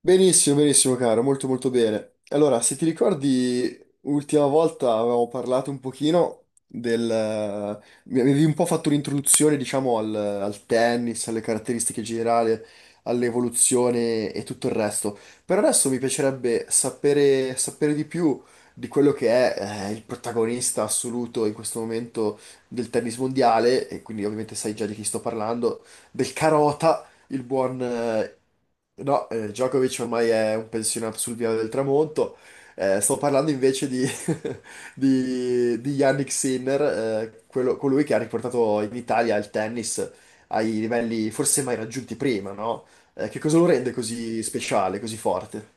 Benissimo, benissimo, caro, molto bene. Allora, se ti ricordi, l'ultima volta avevamo parlato un pochino del... Mi avevi un po' fatto un'introduzione, diciamo, al tennis, alle caratteristiche generali, all'evoluzione e tutto il resto. Per adesso mi piacerebbe sapere, sapere di più di quello che è, il protagonista assoluto in questo momento del tennis mondiale, e quindi ovviamente sai già di chi sto parlando, del Carota il buon... no, Djokovic ormai è un pensionato sul viale del tramonto. Sto parlando invece di Yannick Sinner, colui che ha riportato in Italia il tennis ai livelli forse mai raggiunti prima, no? Che cosa lo rende così speciale, così forte?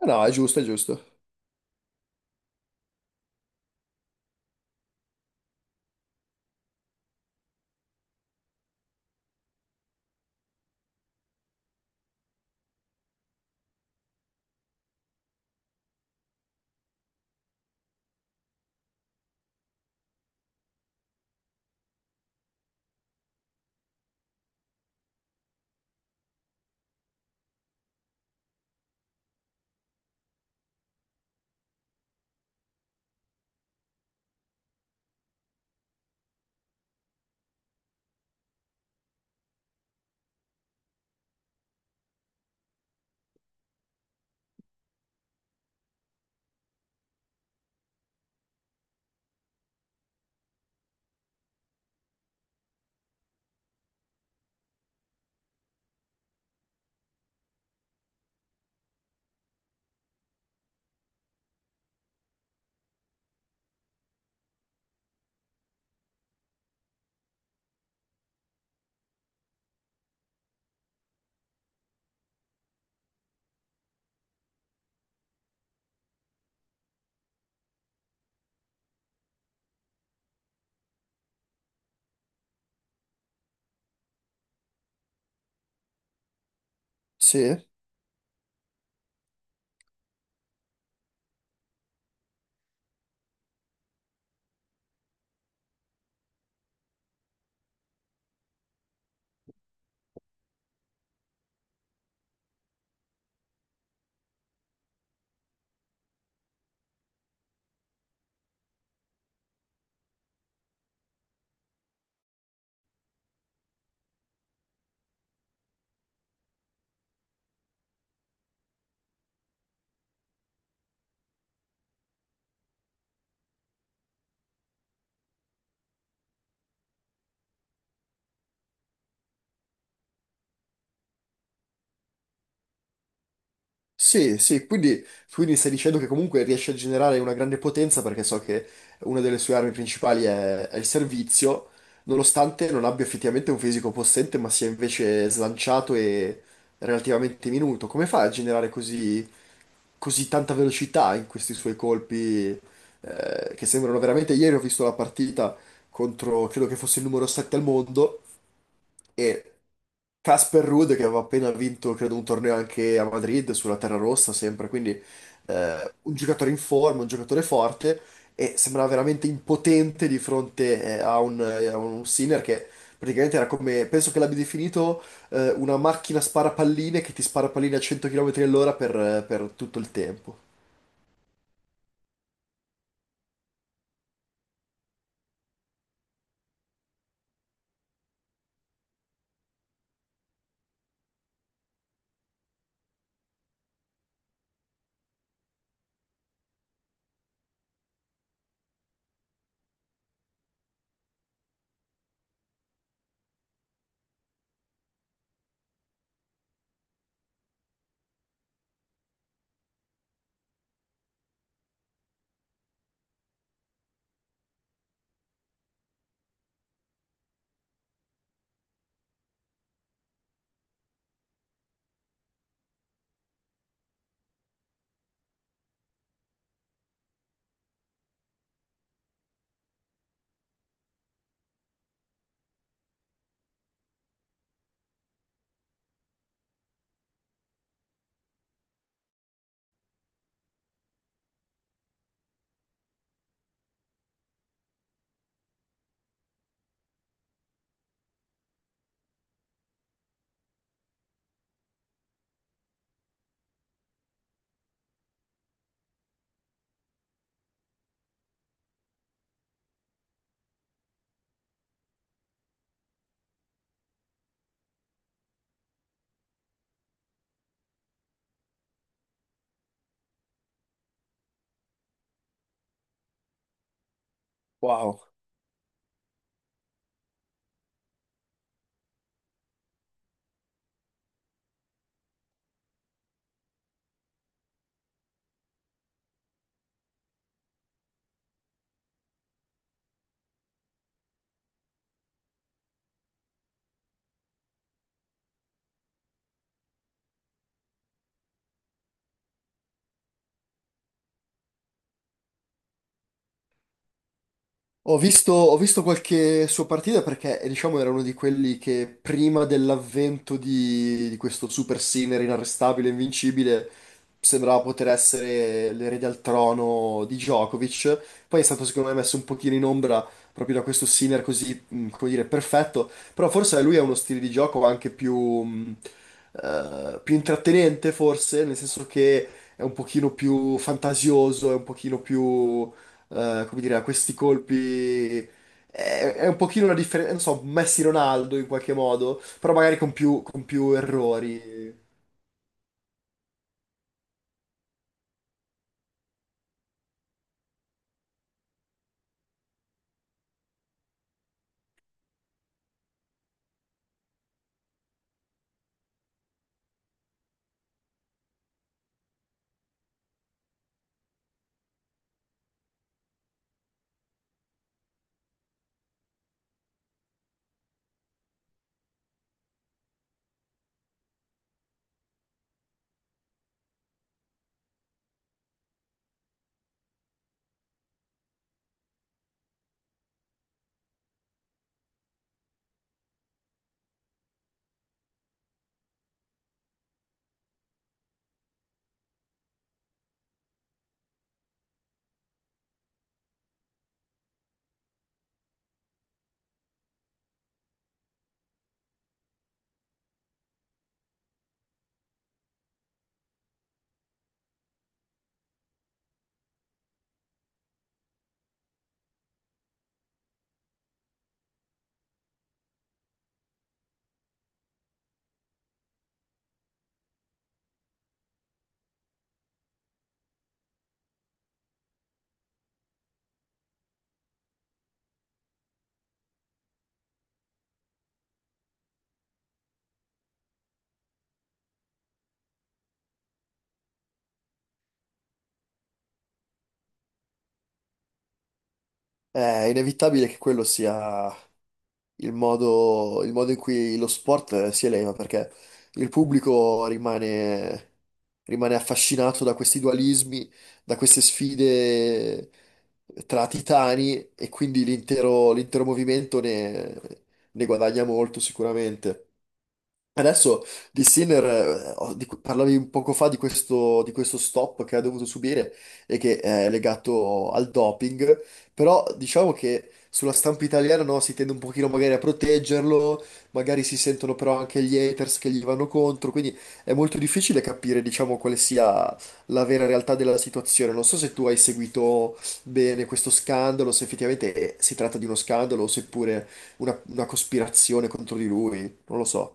Ah, no, è giusto, è giusto. Sì. Sì, sì, quindi, quindi stai dicendo che comunque riesce a generare una grande potenza perché so che una delle sue armi principali è il servizio, nonostante non abbia effettivamente un fisico possente, ma sia invece slanciato e relativamente minuto. Come fa a generare così, così tanta velocità in questi suoi colpi, che sembrano veramente... Ieri ho visto la partita contro, credo che fosse il numero 7 al mondo. E Casper Ruud che aveva appena vinto, credo, un torneo anche a Madrid sulla terra rossa, sempre, quindi un giocatore in forma, un giocatore forte e sembrava veramente impotente di fronte a un Sinner che praticamente era come, penso che l'abbia definito una macchina spara palline che ti spara palline a 100 km all'ora per tutto il tempo. Wow. Ho visto qualche sua partita perché, diciamo, era uno di quelli che prima dell'avvento di questo super sinner inarrestabile, invincibile, sembrava poter essere l'erede al trono di Djokovic. Poi è stato, secondo me, messo un pochino in ombra proprio da questo sinner così, come dire, perfetto. Però forse lui ha uno stile di gioco anche più, più intrattenente, forse, nel senso che è un pochino più fantasioso, è un pochino più come dire, a questi colpi. È un pochino una differenza, non so, Messi Ronaldo in qualche modo, però magari con più errori. È inevitabile che quello sia il modo in cui lo sport si eleva, perché il pubblico rimane, rimane affascinato da questi dualismi, da queste sfide tra titani e quindi l'intero movimento ne, ne guadagna molto sicuramente. Adesso di Sinner, parlavi un poco fa di questo stop che ha dovuto subire e che è legato al doping, però diciamo che sulla stampa italiana no, si tende un pochino magari a proteggerlo, magari si sentono però anche gli haters che gli vanno contro, quindi è molto difficile capire diciamo quale sia la vera realtà della situazione. Non so se tu hai seguito bene questo scandalo, se effettivamente si tratta di uno scandalo o seppure una cospirazione contro di lui, non lo so.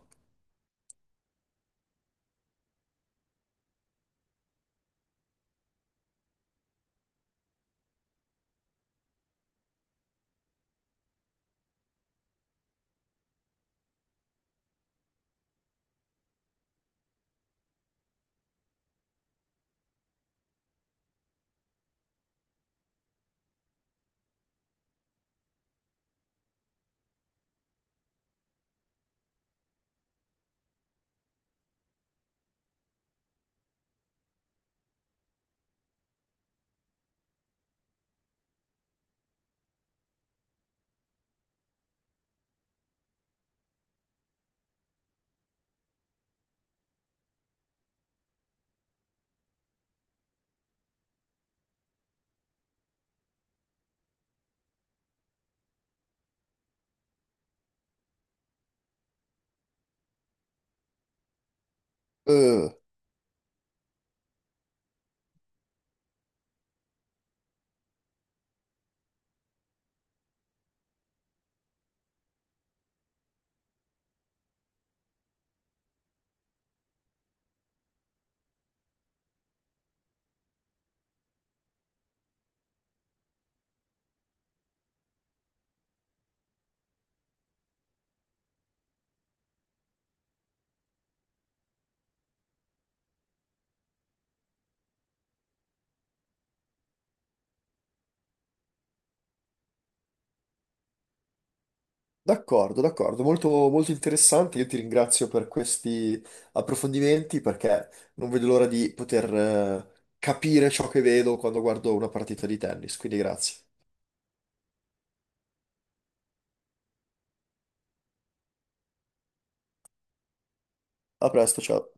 Eh, D'accordo, d'accordo, molto, molto interessante. Io ti ringrazio per questi approfondimenti perché non vedo l'ora di poter, capire ciò che vedo quando guardo una partita di tennis. Quindi grazie. A presto, ciao.